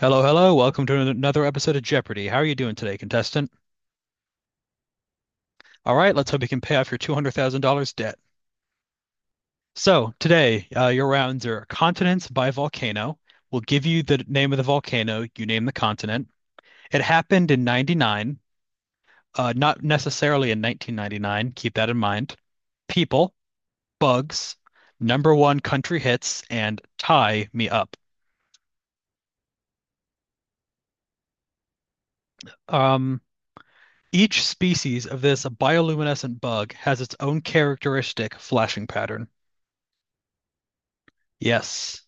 Hello, hello. Welcome to another episode of Jeopardy. How are you doing today, contestant? All right, let's hope you can pay off your $200,000 debt. So, today, your rounds are Continents by Volcano. We'll give you the name of the volcano, you name the continent. It happened in 99, not necessarily in 1999, keep that in mind. People, bugs, number one country hits, and tie me up. Um, each species of this bioluminescent bug has its own characteristic flashing pattern. Yes.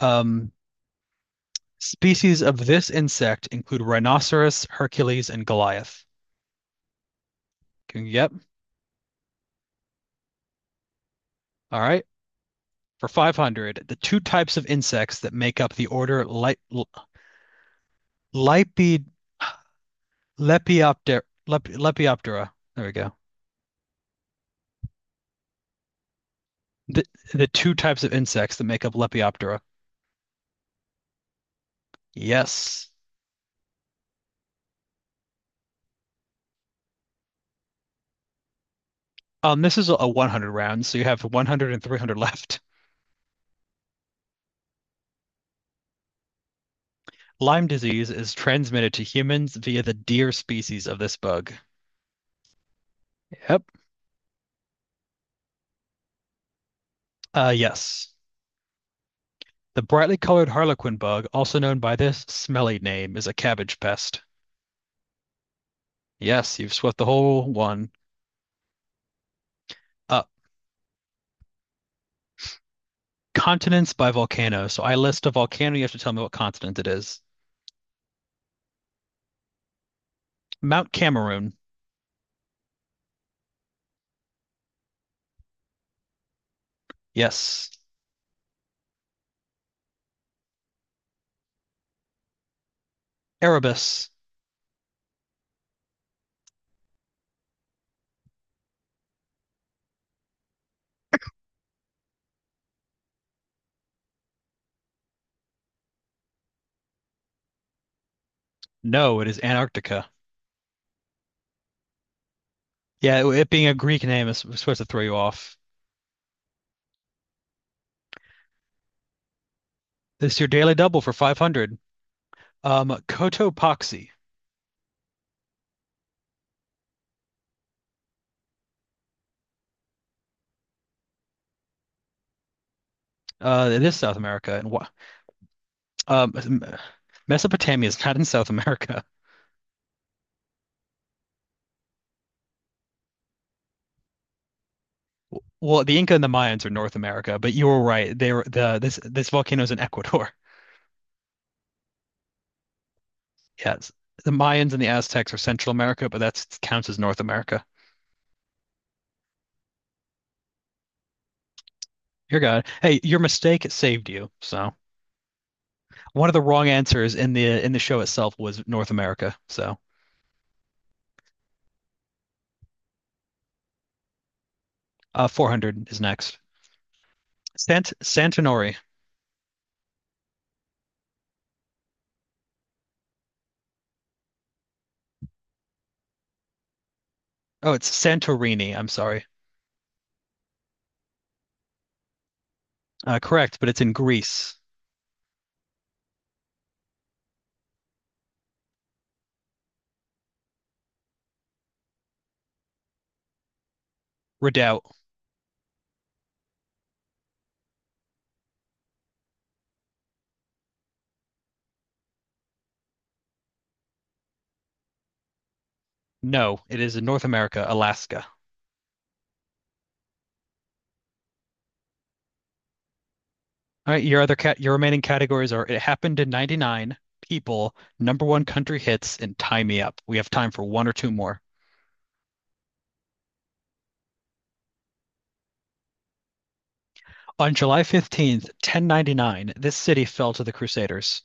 Um, Species of this insect include rhinoceros, Hercules, and Goliath. Can you get? All right. For 500, the two types of insects that make up the order Li- L- Lipid Lepiopter Lep Lepioptera. There we go. The, the two types of insects that make up Lepioptera. Yes. This is a 100 round, so you have one hundred and three hundred left. Lyme disease is transmitted to humans via the deer species of this bug. Yep. Yes. The brightly colored harlequin bug, also known by this smelly name, is a cabbage pest. Yes, you've swept the whole one up. Continents by volcano. So I list a volcano, you have to tell me what continent it is. Mount Cameroon. Yes. Erebus. No, it is Antarctica. Yeah, it being a Greek name is supposed to throw you off. This is your daily double for 500. Cotopaxi. It is South America. And what? Um, Mesopotamia is not in South America. Well, the Inca and the Mayans are North America, but you were right. They were the this this volcano is in Ecuador. Yes. The Mayans and the Aztecs are Central America, but that counts as North America. You're good. Hey, your mistake saved you. So one of the wrong answers in the show itself was North America. So 400 is next. Santinori. Oh, it's Santorini. I'm sorry. Correct, but it's in Greece. Redoubt. No, it is in North America, Alaska. All right, your remaining categories are It Happened in 99, People, Number One Country Hits, and Tie Me Up. We have time for one or two more. On July 15th, 1099, this city fell to the Crusaders.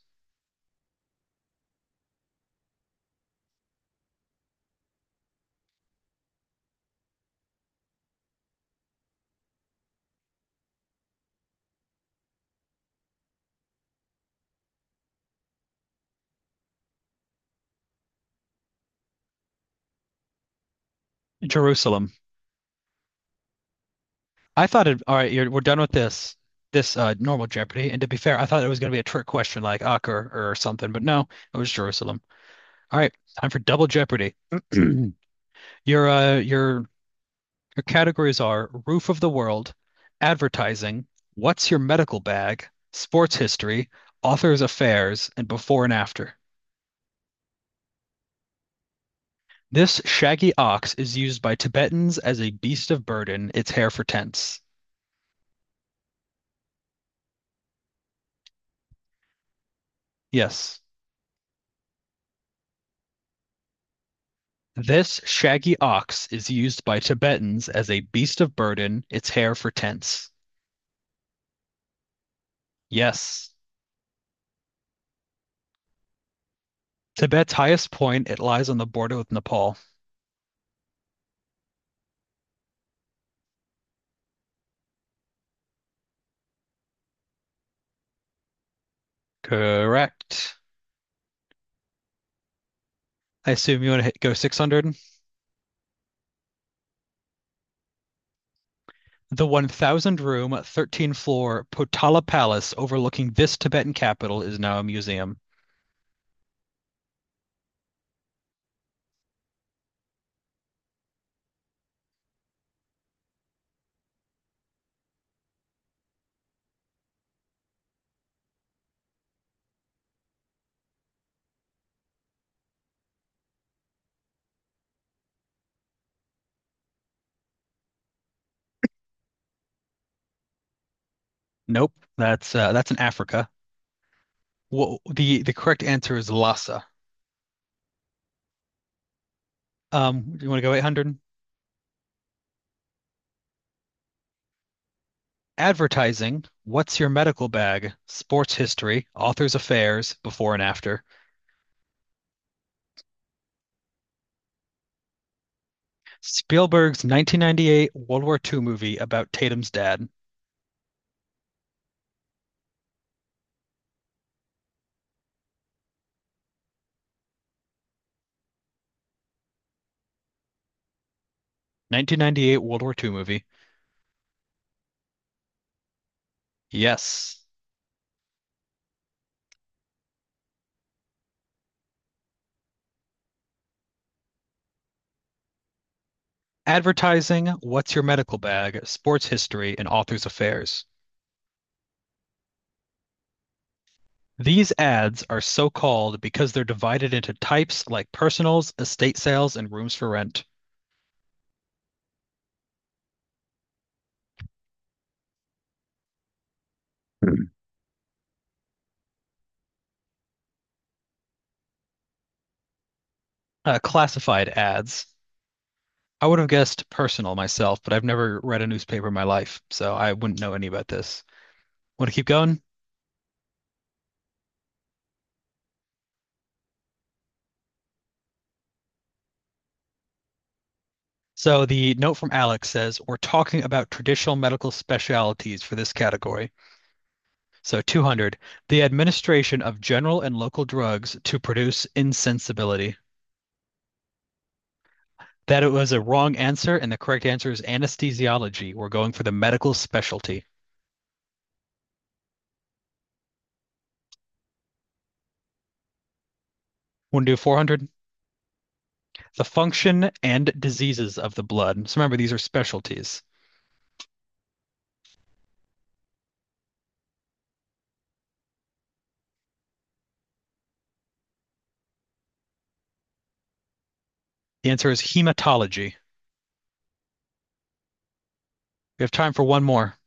Jerusalem. All right, we're done with this normal Jeopardy. And to be fair, I thought it was going to be a trick question like Acre or something, but no, it was Jerusalem. All right, time for Double Jeopardy. Your Her categories are Roof of the World, Advertising, What's Your Medical Bag, Sports History, Author's Affairs, and Before and After. This shaggy ox is used by Tibetans as a beast of burden, its hair for tents. Yes. This shaggy ox is used by Tibetans as a beast of burden, its hair for tents. Yes. Tibet's highest point, it lies on the border with Nepal. Correct. I assume you want to hit, go 600? The 1,000 room, 13 floor Potala Palace overlooking this Tibetan capital is now a museum. Nope, that's in Africa. Wha the correct answer is Lhasa. Do you want to go 800? Advertising, what's your medical bag? Sports history, author's affairs, before and after. Spielberg's 1998 World War II movie about Tatum's dad. 1998 World War II movie. Yes. Advertising, What's Your Medical Bag, Sports History, and Authors Affairs. These ads are so called because they're divided into types like personals, estate sales, and rooms for rent. Classified ads. I would have guessed personal myself, but I've never read a newspaper in my life, so I wouldn't know any about this. Want to keep going? So the note from Alex says, we're talking about traditional medical specialties for this category. So 200, the administration of general and local drugs to produce insensibility. That it was a wrong answer, and the correct answer is anesthesiology. We're going for the medical specialty. Want to do 400? The function and diseases of the blood. So remember, these are specialties. The answer is hematology. We have time for one more.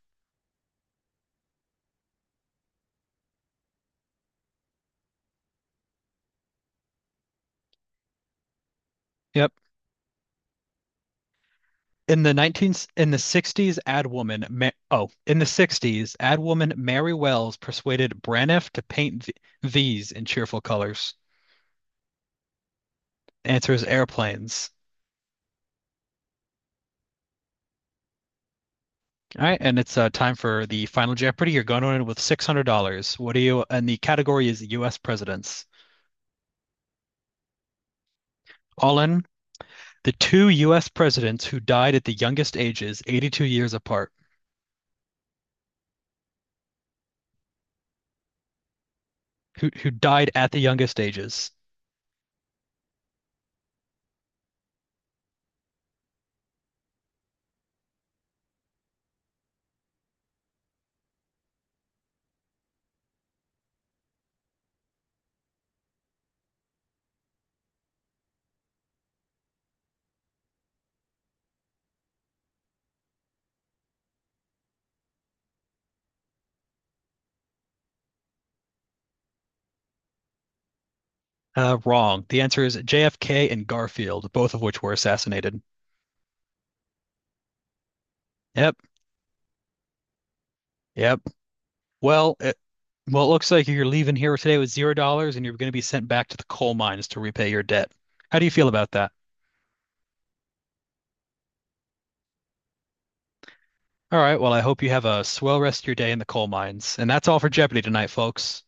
Yep. In the 60s, ad woman, Ma oh, in the 60s, ad woman Mary Wells persuaded Braniff to paint th these in cheerful colors. Answer is airplanes. All right, and it's time for the final Jeopardy. You're going in with $600. And the category is US presidents. All in, the two US presidents who died at the youngest ages, 82 years apart, who died at the youngest ages. Wrong. The answer is JFK and Garfield, both of which were assassinated. Yep, yep. Well, it looks like you're leaving here today with $0 and you're going to be sent back to the coal mines to repay your debt. How do you feel about that? All right, well, I hope you have a swell rest of your day in the coal mines. And that's all for Jeopardy tonight, folks.